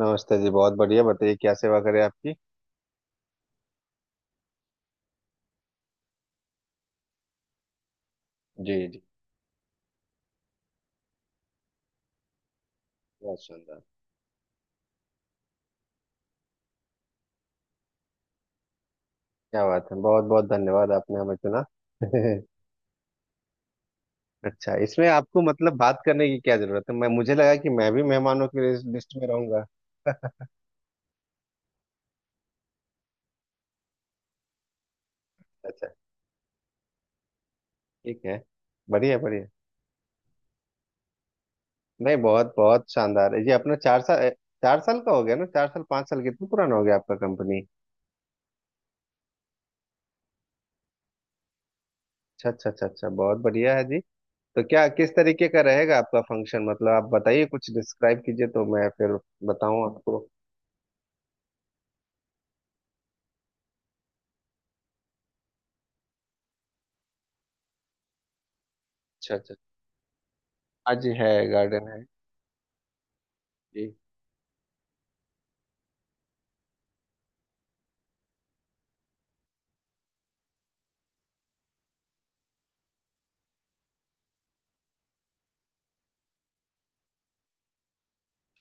नमस्ते जी। बहुत बढ़िया, बताइए क्या सेवा करें आपकी। जी जी। बहुत सुंदर, क्या बात है, बहुत बहुत धन्यवाद आपने हमें चुना। अच्छा, इसमें आपको मतलब बात करने की क्या जरूरत है, मैं मुझे लगा कि मैं भी मेहमानों की लिस्ट में रहूंगा। अच्छा, ठीक है। बढ़िया बढ़िया। नहीं, बहुत बहुत शानदार है ये। अपना 4 साल, 4 साल का हो गया ना? 4 साल, 5 साल, कितना पुराना हो गया आपका कंपनी? अच्छा अच्छा अच्छा अच्छा, बहुत बढ़िया है जी। तो क्या किस तरीके का रहेगा आपका फंक्शन, मतलब आप बताइए कुछ डिस्क्राइब कीजिए तो मैं फिर बताऊं आपको। अच्छा अच्छा। हाँ जी, है गार्डन है। जी।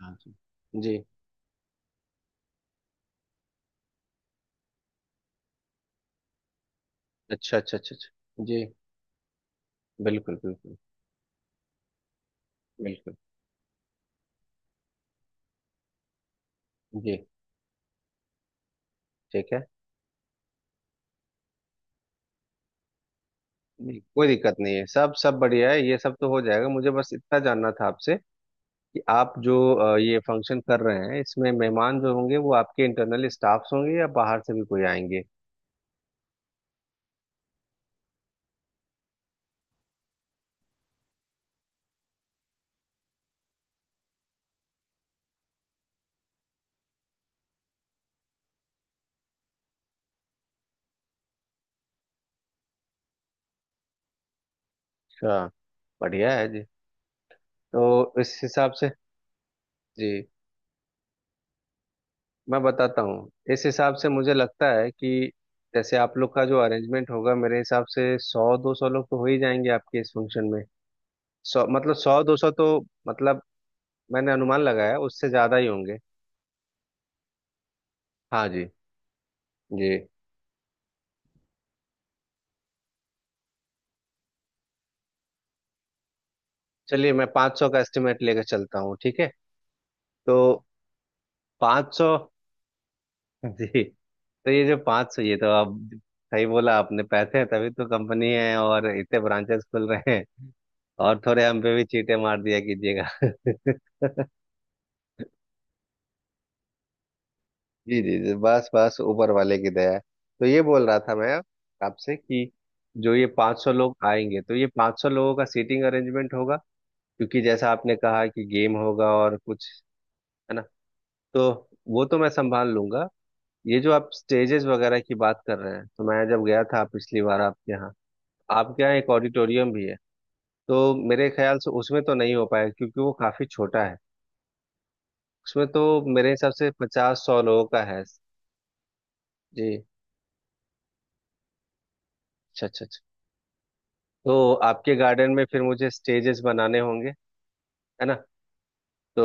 हाँ जी। जी। अच्छा अच्छा अच्छा अच्छा जी। बिल्कुल बिल्कुल बिल्कुल। जी। ठीक है। जी, कोई दिक्कत नहीं है, सब सब बढ़िया है, ये सब तो हो जाएगा। मुझे बस इतना जानना था आपसे कि आप जो ये फंक्शन कर रहे हैं, इसमें मेहमान जो होंगे वो आपके इंटरनल स्टाफ्स होंगे या बाहर से भी कोई आएंगे? अच्छा। बढ़िया है जी। तो इस हिसाब से। जी, मैं बताता हूँ, इस हिसाब से मुझे लगता है कि जैसे आप लोग का जो अरेंजमेंट होगा मेरे हिसाब से 100 200 लोग तो हो ही जाएंगे आपके इस फंक्शन में। सौ मतलब सौ दो सौ तो। मतलब मैंने अनुमान लगाया उससे ज्यादा ही होंगे। हाँ जी। जी। चलिए, मैं 500 का एस्टिमेट लेकर चलता हूँ, ठीक है? तो 500। जी। तो ये जो 500, ये तो आप। सही बोला आपने, पैसे हैं तभी तो कंपनी है और इतने ब्रांचेस खुल रहे हैं, और थोड़े हम पे भी चीटे मार दिया कीजिएगा। जी जी जी, बस बस ऊपर वाले की दया है। तो ये बोल रहा था मैं आपसे कि जो ये 500 लोग आएंगे तो ये 500 लोगों का सीटिंग अरेंजमेंट होगा, क्योंकि जैसा आपने कहा कि गेम होगा और कुछ, है ना? तो वो तो मैं संभाल लूंगा। ये जो आप स्टेजेस वगैरह की बात कर रहे हैं, तो मैं जब गया था पिछली बार आपके यहाँ एक ऑडिटोरियम भी है। तो मेरे ख्याल से उसमें तो नहीं हो पाएगा क्योंकि वो काफी छोटा है। उसमें तो मेरे हिसाब से पचास सौ लोगों का है। जी, अच्छा अच्छा अच्छा। तो आपके गार्डन में फिर मुझे स्टेजेस बनाने होंगे, है ना? तो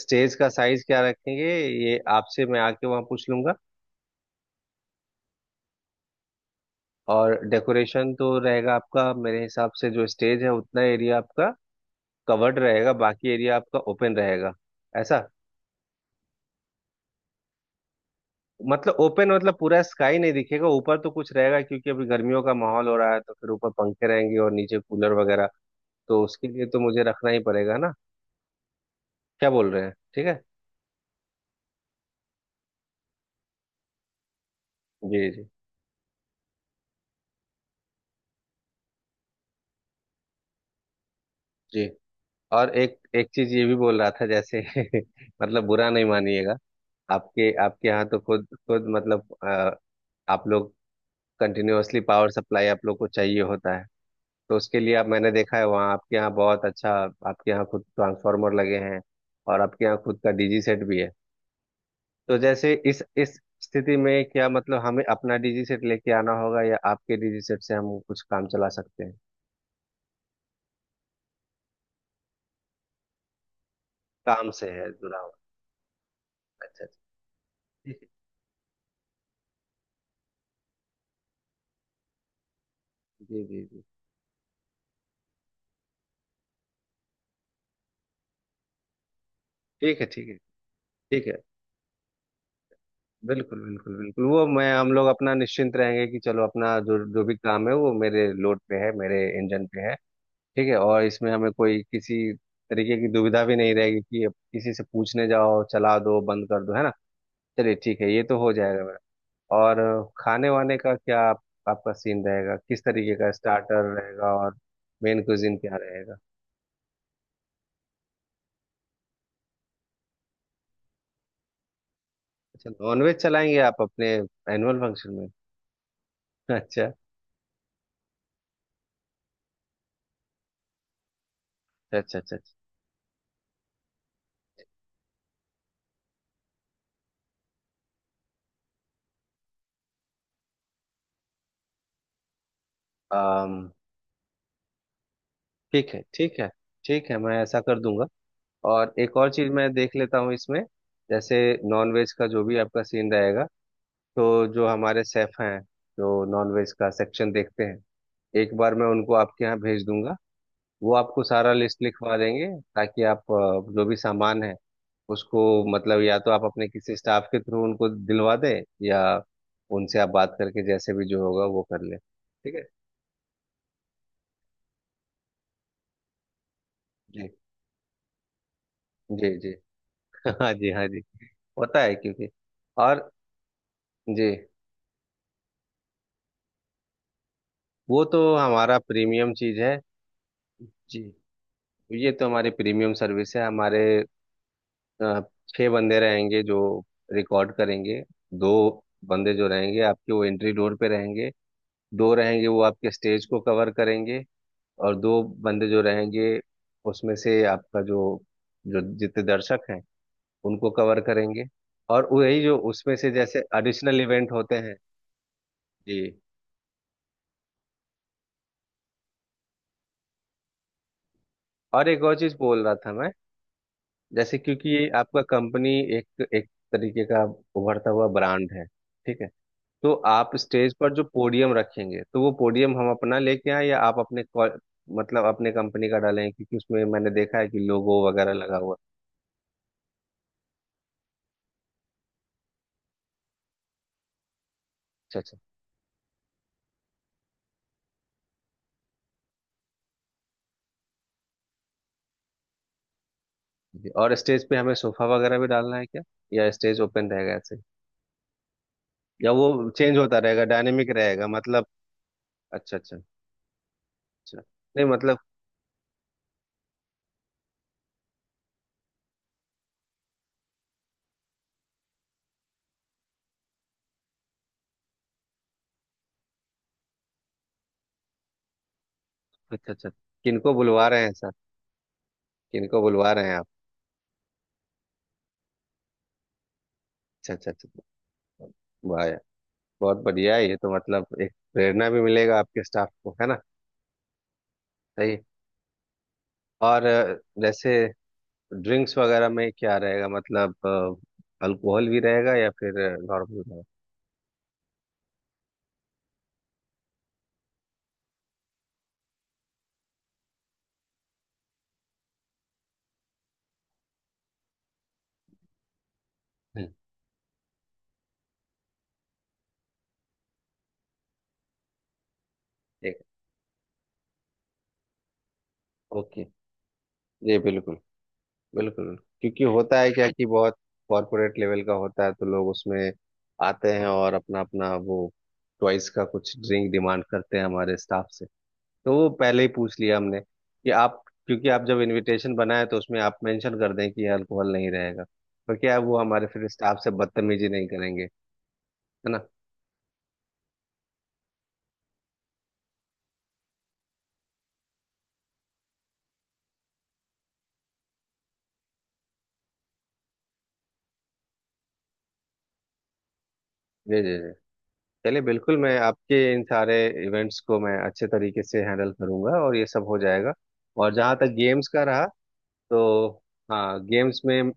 स्टेज का साइज क्या रखेंगे ये आपसे मैं आके वहाँ पूछ लूंगा। और डेकोरेशन तो रहेगा आपका, मेरे हिसाब से जो स्टेज है उतना एरिया आपका कवर्ड रहेगा, बाकी एरिया आपका ओपन रहेगा। ऐसा, मतलब ओपन मतलब पूरा स्काई नहीं दिखेगा, ऊपर तो कुछ रहेगा क्योंकि अभी गर्मियों का माहौल हो रहा है, तो फिर ऊपर पंखे रहेंगे और नीचे कूलर वगैरह। तो उसके लिए तो मुझे रखना ही पड़ेगा ना? क्या बोल रहे हैं, ठीक है। जी जी जी। और एक एक चीज ये भी बोल रहा था जैसे, मतलब बुरा नहीं मानिएगा, आपके आपके यहाँ तो खुद खुद मतलब आप लोग कंटिन्यूअसली पावर सप्लाई आप लोग को चाहिए होता है। तो उसके लिए आप, मैंने देखा है वहाँ आपके यहाँ बहुत अच्छा, आपके यहाँ खुद ट्रांसफार्मर लगे हैं और आपके यहाँ खुद का डीजी सेट भी है। तो जैसे इस स्थिति में क्या मतलब हमें अपना डीजी सेट लेके आना होगा या आपके डीजी सेट से हम कुछ काम चला सकते हैं? काम से है जुड़ा हुआ। अच्छा अच्छा। जी जी जी। ठीक है ठीक है ठीक है। बिल्कुल बिल्कुल बिल्कुल, वो मैं हम लोग अपना निश्चिंत रहेंगे कि चलो अपना जो जो भी काम है वो मेरे लोड पे है, मेरे इंजन पे है। ठीक है, और इसमें हमें कोई किसी तरीके की दुविधा भी नहीं रहेगी कि अब किसी से पूछने जाओ, चला दो बंद कर दो, है ना? चलिए ठीक है, ये तो हो जाएगा मेरा। और खाने वाने का क्या, आपका सीन रहेगा किस तरीके का? स्टार्टर रहेगा और मेन कुजिन क्या रहेगा? अच्छा, नॉनवेज चलाएंगे आप अपने एनुअल फंक्शन में? अच्छा अच्छा अच्छा अच्छा, ठीक है ठीक है। ठीक है, मैं ऐसा कर दूंगा। और एक और चीज मैं देख लेता हूँ इसमें, जैसे नॉन वेज का जो भी आपका सीन रहेगा, तो जो हमारे सेफ हैं, जो नॉन वेज का सेक्शन देखते हैं, एक बार मैं उनको आपके यहाँ भेज दूंगा, वो आपको सारा लिस्ट लिखवा देंगे ताकि आप जो भी सामान है उसको, मतलब या तो आप अपने किसी स्टाफ के थ्रू उनको दिलवा दें या उनसे आप बात करके जैसे भी जो होगा वो कर लें, ठीक है? जी जी जी। हाँ जी हाँ जी। होता है क्योंकि। और जी, वो तो हमारा प्रीमियम चीज है। जी, ये तो हमारी प्रीमियम सर्विस है हमारे। अ, छह बंदे रहेंगे जो रिकॉर्ड करेंगे। दो बंदे जो रहेंगे आपके, वो एंट्री डोर पे रहेंगे। दो रहेंगे वो आपके स्टेज को कवर करेंगे। और दो बंदे जो रहेंगे उसमें से, आपका जो जो जितने दर्शक हैं उनको कवर करेंगे। और वही जो उसमें से जैसे एडिशनल इवेंट होते हैं। जी। और एक और चीज बोल रहा था मैं, जैसे क्योंकि ये आपका कंपनी एक एक तरीके का उभरता हुआ ब्रांड है, ठीक है? तो आप स्टेज पर जो पोडियम रखेंगे तो वो पोडियम हम अपना लेके आए या आप अपने को-, मतलब अपने कंपनी का डालें, क्योंकि उसमें मैंने देखा है कि लोगो वगैरह लगा हुआ है। अच्छा अच्छा जी। और स्टेज पे हमें सोफा वगैरह भी डालना है क्या, या स्टेज ओपन रहेगा ऐसे ही? या वो चेंज होता रहेगा, डायनेमिक रहेगा मतलब? अच्छा अच्छा अच्छा। नहीं मतलब। अच्छा अच्छा। किनको बुलवा रहे हैं सर? किनको बुलवा रहे हैं आप? अच्छा अच्छा अच्छा। वाह यार। बहुत बढ़िया है ये तो, मतलब एक प्रेरणा भी मिलेगा आपके स्टाफ को, है ना? सही। और जैसे ड्रिंक्स वगैरह में क्या रहेगा मतलब, अल्कोहल भी रहेगा या फिर नॉर्मल रहेगा? हम्म। ठीक है, ओके। जी, बिल्कुल बिल्कुल। क्योंकि होता है क्या कि बहुत कॉर्पोरेट लेवल का होता है तो लोग उसमें आते हैं और अपना अपना वो चॉइस का कुछ ड्रिंक डिमांड करते हैं हमारे स्टाफ से। तो वो पहले ही पूछ लिया हमने कि आप, क्योंकि आप जब इनविटेशन बनाए तो उसमें आप मेंशन कर दें कि अल्कोहल नहीं रहेगा। पर क्या है, वो हमारे फिर स्टाफ से बदतमीजी नहीं करेंगे, है ना? जी जी जी। चलिए बिल्कुल, मैं आपके इन सारे इवेंट्स को मैं अच्छे तरीके से हैंडल करूंगा और ये सब हो जाएगा। और जहाँ तक गेम्स का रहा, तो हाँ, गेम्स में।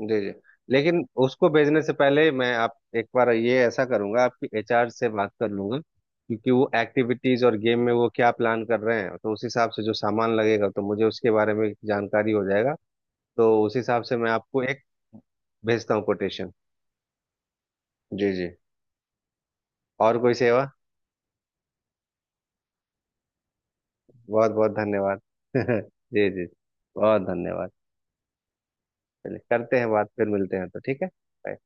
जी जी, लेकिन उसको भेजने से पहले मैं आप एक बार ये ऐसा करूंगा, आपकी एचआर से बात कर लूंगा क्योंकि वो एक्टिविटीज और गेम में वो क्या प्लान कर रहे हैं, तो उस हिसाब से जो सामान लगेगा तो मुझे उसके बारे में जानकारी हो जाएगा। तो उस हिसाब से मैं आपको एक भेजता हूँ कोटेशन। जी जी, और कोई सेवा? बहुत बहुत धन्यवाद। जी जी, बहुत धन्यवाद। चलिए, करते हैं बात, फिर मिलते हैं, तो ठीक है। Bye.